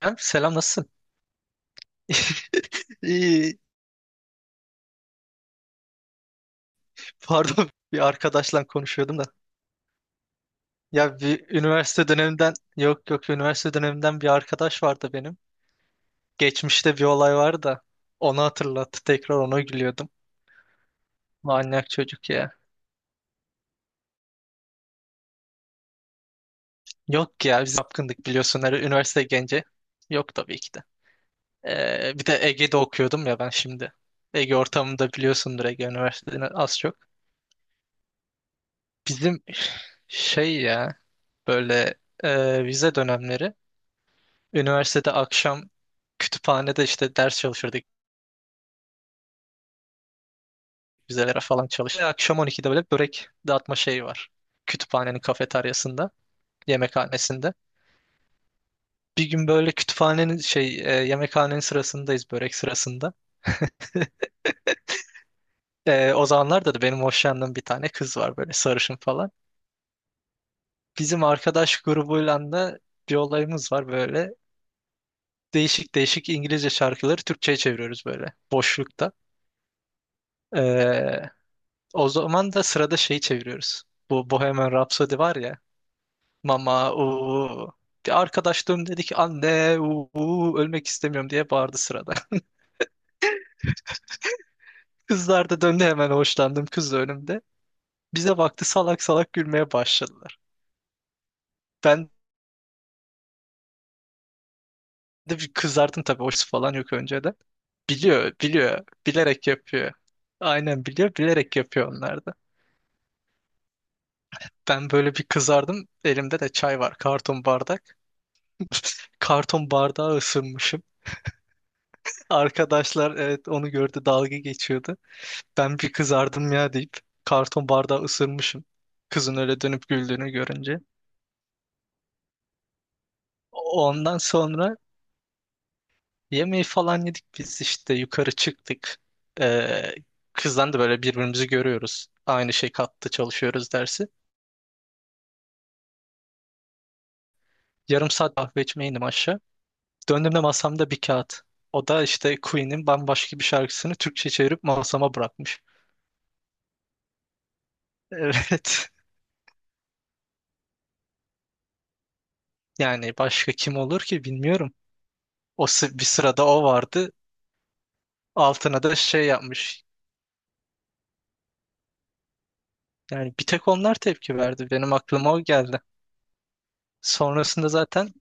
Selam, selam nasılsın? İyi, pardon bir arkadaşla konuşuyordum da. Ya bir üniversite döneminden yok yok üniversite döneminden bir arkadaş vardı benim. Geçmişte bir olay vardı da onu hatırlattı tekrar ona gülüyordum. Manyak çocuk ya. Yok ya biz yapkındık biliyorsun her üniversite genci. Yok tabii ki de. Bir de Ege'de okuyordum ya ben şimdi. Ege ortamında biliyorsundur Ege Üniversitesi'ni az çok. Bizim şey ya böyle vize dönemleri, üniversitede akşam kütüphanede işte ders çalışırdık. Vizelere falan çalıştık. Akşam 12'de böyle börek dağıtma şeyi var. Kütüphanenin kafeteryasında, yemekhanesinde. Bir gün böyle kütüphanenin yemekhanenin sırasındayız, börek sırasında. O zamanlarda da benim hoşlandığım bir tane kız var, böyle sarışın falan. Bizim arkadaş grubuyla da bir olayımız var böyle. Değişik değişik İngilizce şarkıları Türkçe'ye çeviriyoruz böyle boşlukta. E, O zaman da sırada şeyi çeviriyoruz. Bu Bohemian Rhapsody var ya. Mama uuu. Bir arkadaş döndü dedi ki anne uuu ölmek istemiyorum diye bağırdı sırada. Kızlar da döndü hemen, hoşlandım kız da önümde. Bize baktı, salak salak gülmeye başladılar. Ben de bir kızardım tabii, hoşsu falan yok önceden. Biliyor bilerek yapıyor. Aynen biliyor, bilerek yapıyor onlar da. Ben böyle bir kızardım, elimde de çay var, karton bardak. Karton bardağı ısırmışım. Arkadaşlar evet onu gördü, dalga geçiyordu. Ben bir kızardım ya deyip karton bardağı ısırmışım. Kızın öyle dönüp güldüğünü görünce. Ondan sonra yemeği falan yedik biz işte, yukarı çıktık. Ee, Kızdan da böyle birbirimizi görüyoruz. Aynı şey kattı çalışıyoruz dersi. Yarım saat kahve içmeye indim aşağı. Döndüğümde masamda bir kağıt. O da işte Queen'in bambaşka bir şarkısını Türkçe çevirip masama bırakmış. Evet. Yani başka kim olur ki, bilmiyorum. Bir sırada o vardı. Altına da şey yapmış. Yani bir tek onlar tepki verdi. Benim aklıma o geldi. Sonrasında zaten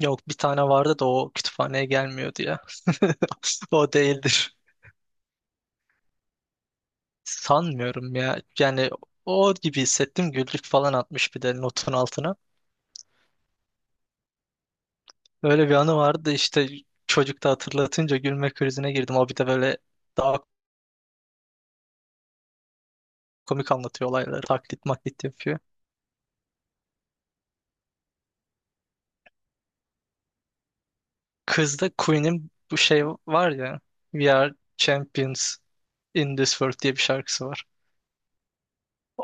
yok, bir tane vardı da o kütüphaneye gelmiyordu ya. O değildir. Sanmıyorum ya. Yani o gibi hissettim. Güllük falan atmış bir de notun altına. Öyle bir anı vardı işte, çocukta hatırlatınca gülme krizine girdim. O bir de böyle daha komik anlatıyor olayları. Taklit maklit yapıyor. Kızda Queen'in bu şey var ya. We Are Champions. In This World diye bir şarkısı var.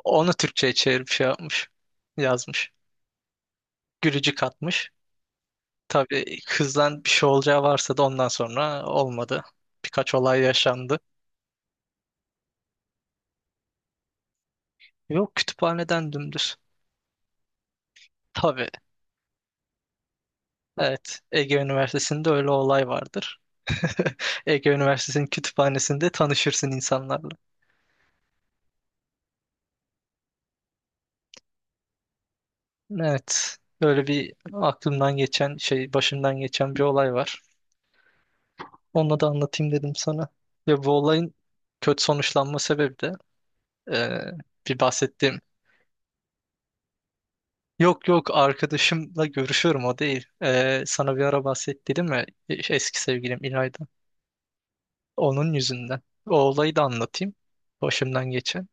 Onu Türkçe'ye çevirip şey yapmış. Yazmış. Gülücük atmış. Tabii kızdan bir şey olacağı varsa da ondan sonra olmadı. Birkaç olay yaşandı. Yok, kütüphaneden dümdüz. Tabii. Evet. Ege Üniversitesi'nde öyle olay vardır. Ege Üniversitesi'nin kütüphanesinde tanışırsın insanlarla. Evet. Böyle bir aklımdan geçen şey, başımdan geçen bir olay var. Onu da anlatayım dedim sana. Ve bu olayın kötü sonuçlanma sebebi de Ee, bir bahsettiğim. Yok yok, arkadaşımla görüşüyorum, o değil. Sana bir ara bahsettim mi? Eski sevgilim İlayda. Onun yüzünden. O olayı da anlatayım. Başımdan geçen.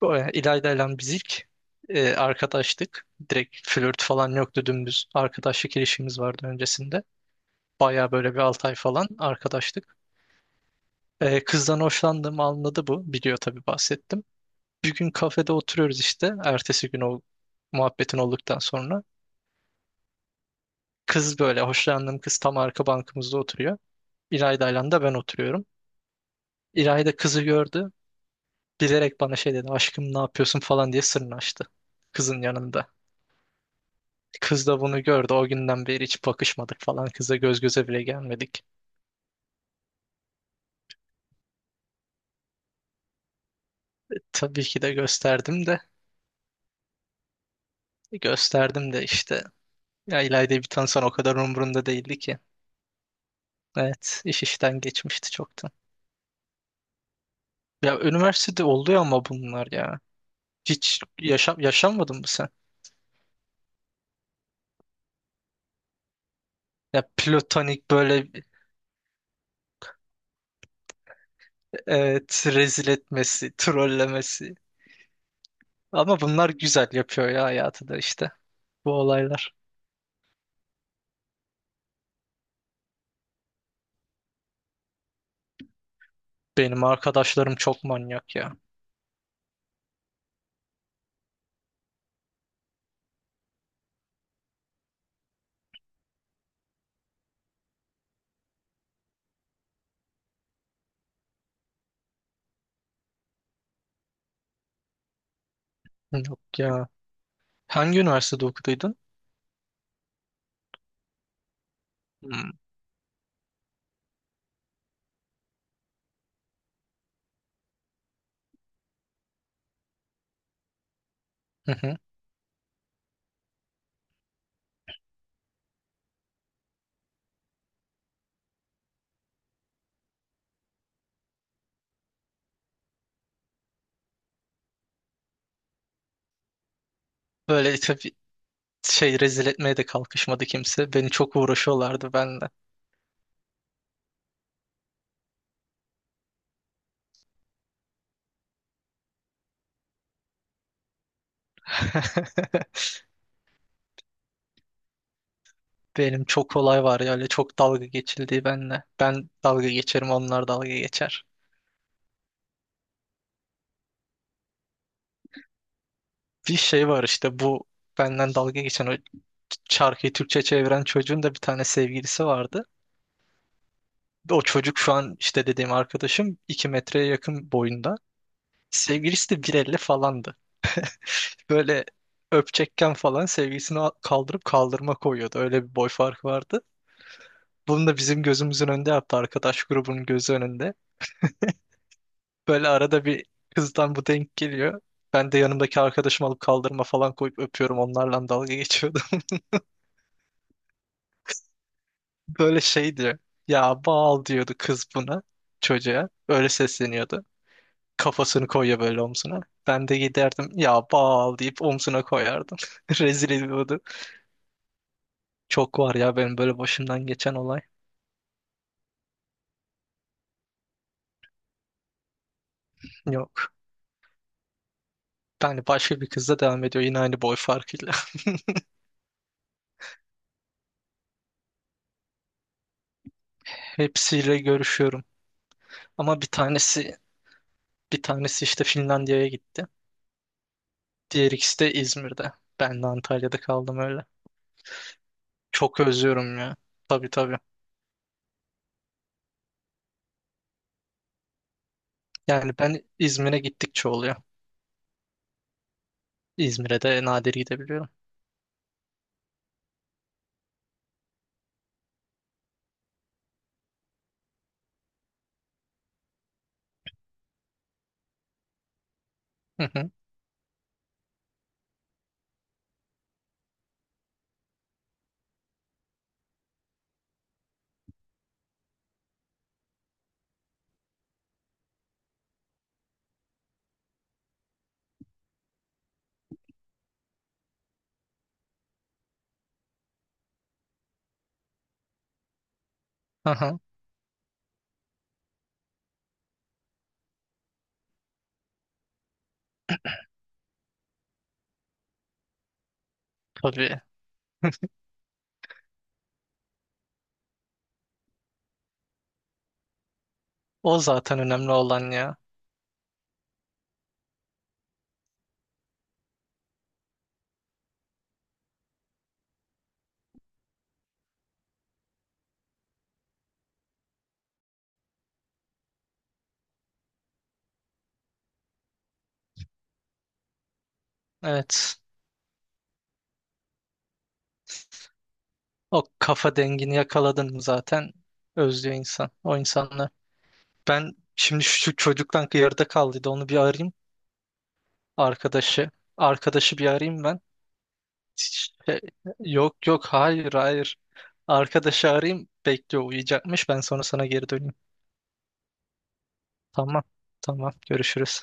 İlayda ile biz ilk arkadaştık. Direkt flört falan yoktu, dümdüz. Arkadaşlık ilişkimiz vardı öncesinde. Baya böyle bir 6 ay falan arkadaştık. Kızdan hoşlandığımı anladı bu. Biliyor tabii, bahsettim. Bir gün kafede oturuyoruz işte. Ertesi gün, o muhabbetin olduktan sonra. Kız, böyle hoşlandığım kız, tam arka bankamızda oturuyor. İlayda'yla da ben oturuyorum. İlayda kızı gördü. Bilerek bana şey dedi, aşkım ne yapıyorsun falan diye sırrını açtı kızın yanında. Kız da bunu gördü. O günden beri hiç bakışmadık falan. Kızla göz göze bile gelmedik. Tabii ki de gösterdim de. Gösterdim de işte. Ya İlayda'yı bir tanısan, o kadar umurumda değildi ki. Evet, iş işten geçmişti çoktan. Ya üniversitede oluyor ama bunlar ya. Hiç yaşam yaşanmadın mı sen? Ya platonik böyle. Evet, rezil etmesi, trollemesi. Ama bunlar güzel yapıyor ya hayatı da işte. Bu olaylar. Benim arkadaşlarım çok manyak ya. Yok ya. Hangi üniversitede okuduydun? Hmm. Hı hı. Böyle tabii şey rezil etmeye de kalkışmadı kimse. Beni çok uğraşıyorlardı benle. Benim çok olay var ya, öyle çok dalga geçildiği benle. Ben dalga geçerim, onlar dalga geçer. Bir şey var işte, bu benden dalga geçen, o şarkıyı Türkçe çeviren çocuğun da bir tane sevgilisi vardı. O çocuk şu an, işte dediğim arkadaşım, 2 metreye yakın boyunda. Sevgilisi de 1,50 falandı. Böyle öpecekken falan sevgilisini kaldırıp kaldırma koyuyordu. Öyle bir boy farkı vardı. Bunu da bizim gözümüzün önünde yaptı. Arkadaş grubunun gözü önünde. Böyle arada bir kızdan bu denk geliyor. Ben de yanımdaki arkadaşımı alıp kaldırma falan koyup öpüyorum. Onlarla dalga geçiyordum. Böyle şey diyor. Ya bal diyordu kız buna, çocuğa. Öyle sesleniyordu. Kafasını koyuyor böyle omzuna. Ben de giderdim, ya bal deyip omzuna koyardım. Rezil ediyordu. Çok var ya benim böyle başımdan geçen olay. Yok. Yani başka bir kızla devam ediyor, yine aynı boy farkıyla. Hepsiyle görüşüyorum. Ama bir tanesi işte Finlandiya'ya gitti. Diğer ikisi de İzmir'de. Ben de Antalya'da kaldım öyle. Çok özlüyorum ya. Tabii, tabii. Yani ben İzmir'e gittikçe oluyor. İzmir'e de nadir gidebiliyorum. Hı hı. Aha, tabii. O zaten önemli olan ya. Evet. O kafa dengini yakaladın mı, zaten özlüyor insan. O insanlar. Ben şimdi şu çocuktan yarıda kaldıydı. Onu bir arayayım. Arkadaşı. Arkadaşı bir arayayım ben. Şey, yok yok, hayır hayır. Arkadaşı arayayım. Bekliyor, uyuyacakmış. Ben sonra sana geri döneyim. Tamam. Tamam. Görüşürüz.